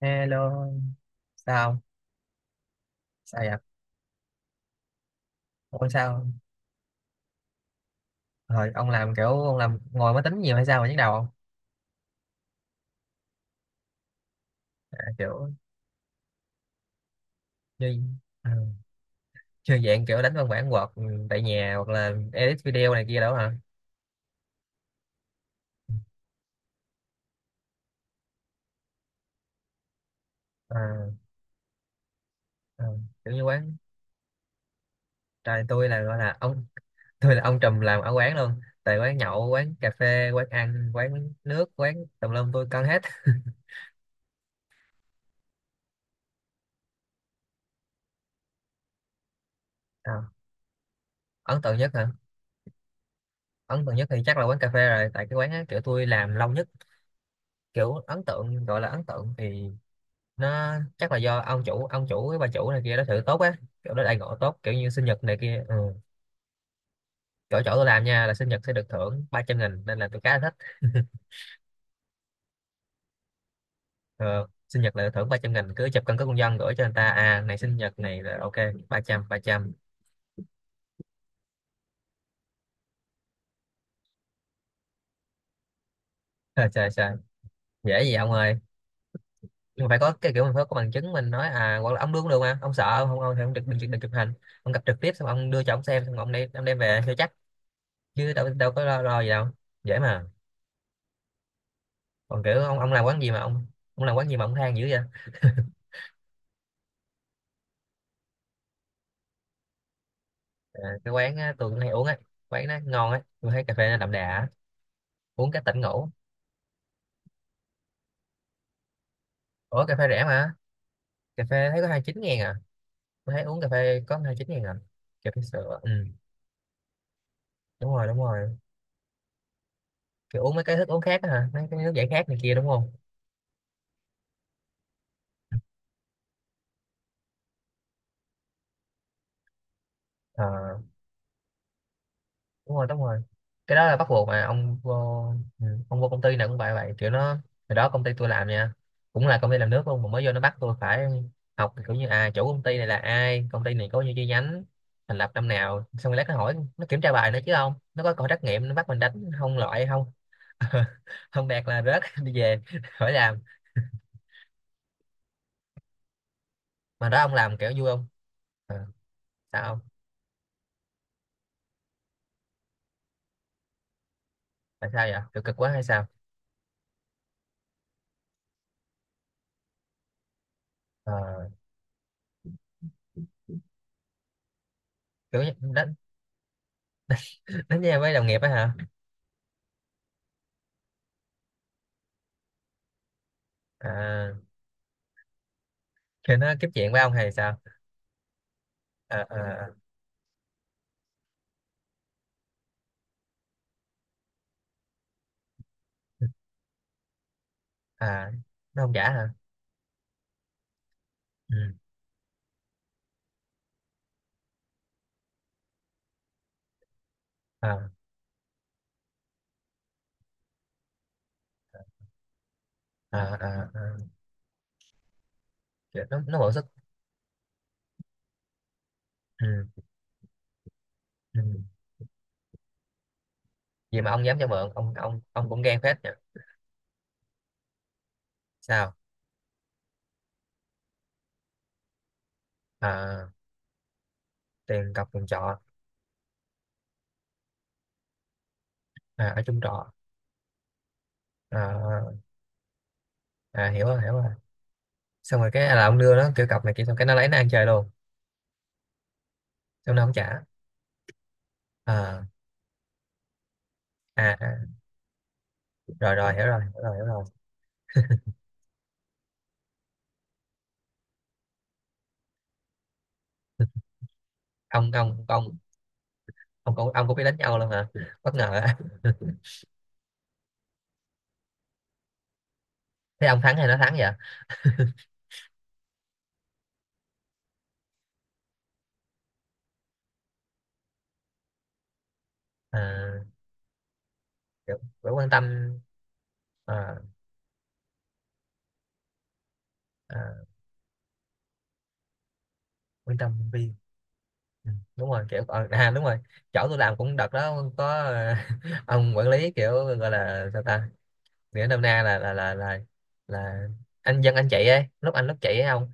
Hello, sao? Sao vậy? Ủa sao? Hồi ông làm kiểu ông làm ngồi máy tính nhiều hay sao mà nhức đầu không? À, kiểu như à, như dạng kiểu đánh văn bản Word tại nhà hoặc là edit video này kia đó hả? À, à, kiểu như quán, trời tôi là gọi là ông tôi là ông trùm làm ở quán luôn. Tại quán nhậu, quán cà phê, quán ăn, quán nước, quán tùm lum tôi cân hết. À, ấn tượng nhất hả? Ấn tượng nhất thì chắc là quán cà phê rồi. Tại cái quán á, kiểu tôi làm lâu nhất, kiểu ấn tượng gọi là ấn tượng thì nó chắc là do ông chủ với bà chủ này kia đó thử tốt á, kiểu đó đãi ngộ tốt kiểu như sinh nhật này kia, ừ. chỗ chỗ tôi làm nha là sinh nhật sẽ được thưởng 300 nghìn nên là tôi khá là thích. Ừ, sinh nhật là được thưởng 300 nghìn, cứ chụp căn cước công dân gửi cho người ta à này sinh nhật này là ok. 300, 300. Trời trời trời. Dễ gì ông ơi, nhưng mà phải có cái kiểu mình phải có bằng chứng mình nói, à hoặc là ông đưa cũng được, mà ông sợ ông không, ông thì ông được đừng chụp hình, ông gặp trực tiếp xong ông đưa cho ông xem xong ông đem về cho chắc, chứ đâu đâu có lo, lo gì đâu, dễ mà. Còn kiểu ông làm quán gì mà ông làm quán gì mà ông than dữ vậy? À, cái quán á, tôi cũng hay uống ấy, quán nó ngon ấy, tôi thấy cà phê nó đậm đà á, uống cái tỉnh ngủ. Ủa cà phê rẻ mà, cà phê thấy có 29 ngàn à, tôi thấy uống cà phê có 29 ngàn à, cà phê sữa. Ừ, đúng rồi, kiểu uống mấy cái thức uống khác á hả, mấy cái nước giải khát này kia đúng không? Ờ, đúng rồi, cái đó là bắt buộc mà ông vô. Ừ, ông vô công ty nào cũng vậy, vậy kiểu nó, hồi đó công ty tôi làm nha cũng là công ty làm nước luôn, mà mới vô nó bắt tôi phải học kiểu như à chủ công ty này là ai, công ty này có nhiêu chi nhánh, thành lập năm nào, xong rồi lát nó hỏi, nó kiểm tra bài nữa chứ, không nó có coi trắc nghiệm nó bắt mình đánh không, loại không. Không đạt là rớt đi về, khỏi làm. Mà đó ông làm kiểu vui không? Ờ, sao không. Tại sao vậy, kiểu cực quá hay sao? Ờ, kiểu như đánh, đánh nhau với đồng nghiệp á hả? À, thì nó tiếp chuyện với ông hay sao? À, à, à, nó không giả hả? Ừ. À, à, à, à. Kiểu nó bỏ sức. Ừ. Ừ. Vậy mà ông dám cho mượn, ông cũng gan phết nhỉ. Sao? À, tiền cọc tiền trọ. À, ở chung trọ. À, à, hiểu rồi. Xong rồi cái à, là ông đưa nó kiểu cọc này kia xong cái nó lấy nó ăn chơi luôn, xong nó không trả. À, à, à. Rồi rồi hiểu rồi. Ông ông ông ông cũng, ông cũng biết đánh nhau luôn hả, bất ngờ á. Thế ông thắng hay nó thắng vậy? À, kiểu, kiểu quan tâm. Ờ. À, Wisdom View. Ừ, đúng rồi, kiểu ờ, à đúng rồi, chỗ tôi làm cũng đợt đó có ờ, ông quản lý kiểu gọi là sao ta, nghĩa nôm na là anh dân anh chị ấy, lúc anh lúc chị ấy ông.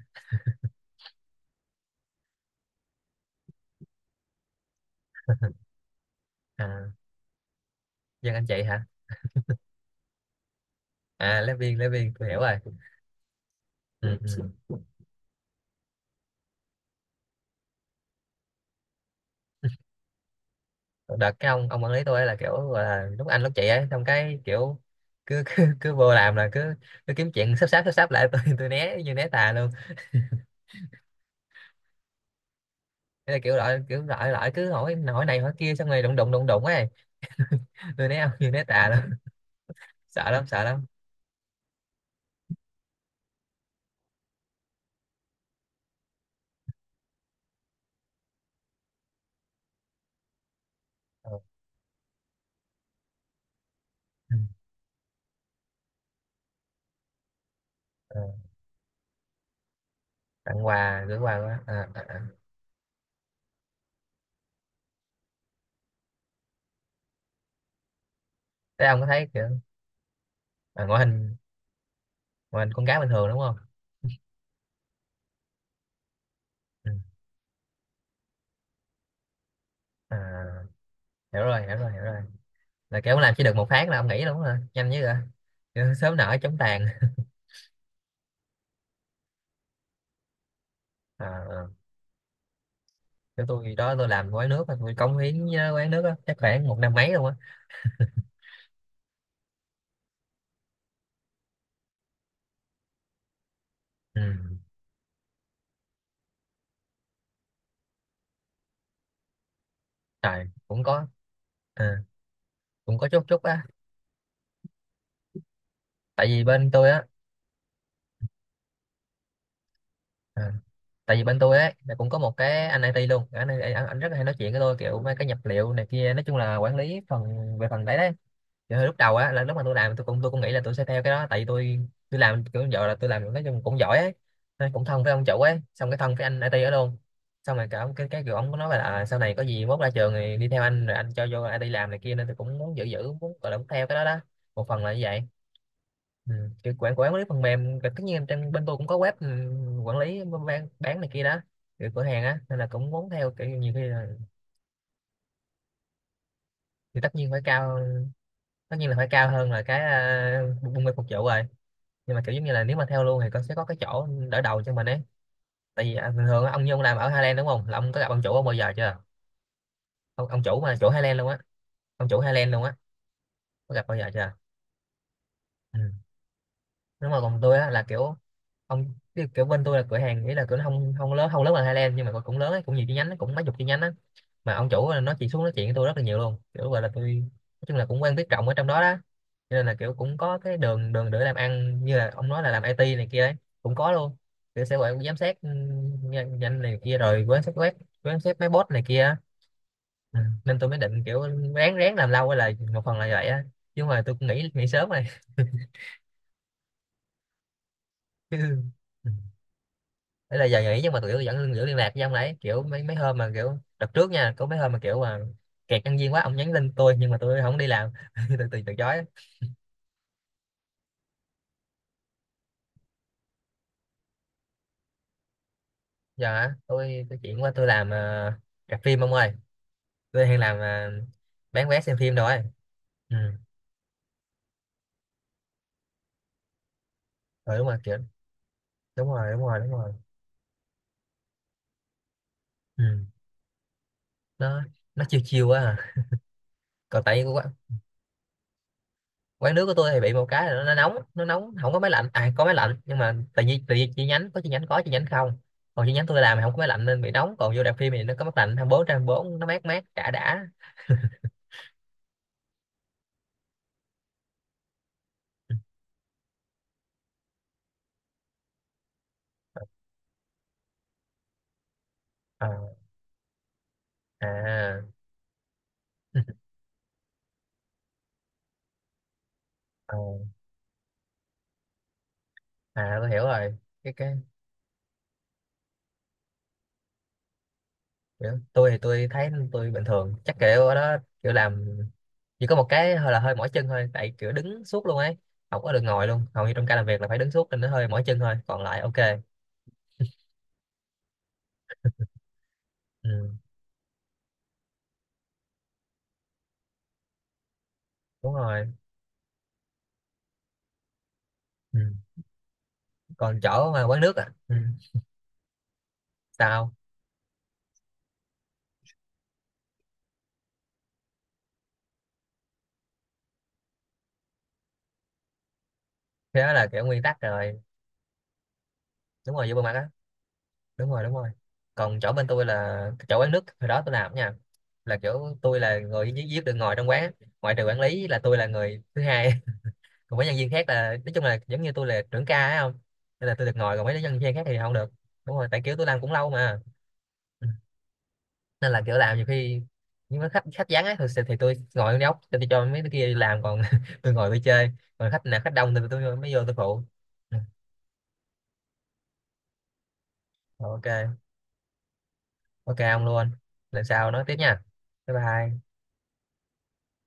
À, dân anh chị hả. À, lớp viên, lớp viên tôi hiểu rồi. Ừ. Ừ, đợt cái ông quản lý tôi ấy là kiểu gọi là lúc anh lúc chị ấy, xong cái kiểu cứ cứ, cứ vô làm là cứ, cứ kiếm chuyện sắp sáp lại tôi né như né tà luôn. Thế là kiểu loại, kiểu loại loại cứ hỏi hỏi này hỏi kia xong rồi đụng đụng đụng đụng ấy, tôi né ông như né tà lắm. Sợ lắm sợ lắm. Ờ, ừ, ờ, tặng quà gửi quà quá à, à, à. Thế ông có thấy kiểu, à, ngoại hình, ngoại hình con cá bình thường đúng không? Ừ. À, hiểu rồi, là kiểu ông làm chỉ được một phát là ông nghỉ luôn hả, nhanh như vậy, kiểu sớm nở chóng tàn. À, à. Kiểu tôi đó, tôi làm quán nước á, tôi cống hiến với quán nước á chắc khoảng một năm mấy luôn á. Ừ. Trời cũng có, à cũng có chút chút á, tại vì bên tôi á, à tại vì bên tôi ấy là cũng có một cái anh IT luôn, anh rất là hay nói chuyện với tôi kiểu mấy cái nhập liệu này kia, nói chung là quản lý phần, về phần đấy đấy. Kiểu hồi lúc đầu á là lúc mà tôi làm, tôi cũng, tôi cũng nghĩ là tôi sẽ theo cái đó, tại vì tôi làm kiểu giờ là tôi làm nói chung cũng giỏi ấy, nên cũng thân với ông chủ ấy, xong cái thân với anh IT đó luôn. Xong rồi cả ông cái kiểu ông có nói là à, sau này có gì mốt ra trường thì đi theo anh rồi anh cho vô IT làm này kia, nên tôi cũng muốn giữ giữ muốn gọi là muốn theo cái đó đó, một phần là như vậy. Ừ. Kiểu quản quản lý phần mềm và tất nhiên em trên bên tôi cũng có web, ừ, quản lý bán này kia đó kiểu cửa hàng á, nên là cũng muốn theo, kiểu nhiều khi là, thì tất nhiên phải cao. Tất nhiên là phải cao hơn là cái buôn mê phục vụ rồi, nhưng mà kiểu giống như là nếu mà theo luôn thì con sẽ có cái chỗ đỡ đầu cho mình ấy. Tại vì à, bình thường á, ông Nhung làm ở Highland đúng không, là ông có gặp ông chủ ông bao giờ chưa, ông, ông chủ mà chủ Highland luôn á, ông chủ Highland luôn á, có gặp bao giờ chưa? Ừ, đúng rồi, còn tôi á là kiểu ông, kiểu kiểu bên tôi là cửa hàng, nghĩa là cửa nó không, không lớn, không lớn bằng Highland nhưng mà cũng lớn ấy, cũng nhiều chi nhánh ấy, cũng mấy chục chi nhánh á. Mà ông chủ nó chỉ xuống nói chuyện với tôi rất là nhiều luôn, kiểu gọi là tôi nói chung là cũng quen biết rộng ở trong đó đó, cho nên là kiểu cũng có cái đường đường để làm ăn, như là ông nói là làm IT này kia đấy, cũng có luôn, kiểu sẽ gọi giám sát, ừ, nhanh nhanh này kia rồi quan sát quét, quan sát máy bot này kia. Ừ, nên tôi mới định kiểu ráng ráng làm lâu là một phần là vậy á, chứ mà tôi cũng nghĩ nghĩ sớm rồi. Chứ. Đấy là giờ nghỉ nhưng mà tụi tôi vẫn giữ liên lạc với ông đấy, kiểu mấy mấy hôm mà kiểu đợt trước nha có mấy hôm mà kiểu mà kẹt nhân viên quá ông nhắn tin tôi nhưng mà tôi không đi làm, tôi từ từ chối. Giờ hả, tôi chuyển qua tôi làm ờ, rạp phim ông ơi, tôi đang làm ờ, bán vé xem phim rồi. Ừ, rồi đúng rồi kiểu, đúng rồi. Ừ. nó nó chiêu chiêu quá à. Còn tại quán nước của tôi thì bị một cái là nó nóng, nó nóng, không có máy lạnh, à có máy lạnh nhưng mà tại vì, tại vì chi nhánh có, chi nhánh có chi nhánh không, còn chi nhánh tôi làm thì không có máy lạnh nên bị nóng, còn vô rạp phim thì nó có máy lạnh hai mươi bốn, trên bốn nó mát mát đã đã. Ờ, à. Ờ, à tôi hiểu rồi. Cái kiểu, tôi thì tôi thấy tôi bình thường, chắc kiểu ở đó kiểu làm chỉ có một cái hơi là hơi mỏi chân thôi, tại kiểu đứng suốt luôn ấy, không có được ngồi luôn, hầu như trong ca làm việc là phải đứng suốt nên nó hơi mỏi chân thôi, còn lại ok. Ừ, đúng rồi. Ừ, còn chỗ mà quán nước à. Ừ. Sao? Thế đó là kiểu nguyên tắc rồi, đúng rồi, vô bề mặt á, đúng rồi. Còn chỗ bên tôi là chỗ quán nước hồi đó tôi làm nha, là kiểu tôi là người duy duy nhất được ngồi trong quán, ngoại trừ quản lý là tôi là người thứ hai. Còn mấy nhân viên khác là nói chung là giống như tôi là trưởng ca ấy không, nên là tôi được ngồi, còn mấy nhân viên khác thì không được. Đúng rồi, tại kiểu tôi làm cũng lâu mà. Ừ. Nên là kiểu làm nhiều khi, nhưng mà khách, khách vắng á thì tôi ngồi trong góc, tôi cho mấy đứa kia đi làm, còn tôi ngồi tôi chơi. Còn khách nào, khách đông thì tôi mới vô tôi phụ. Ừ. Ok, ok ông luôn, lần sau nói tiếp nha. Bye bye.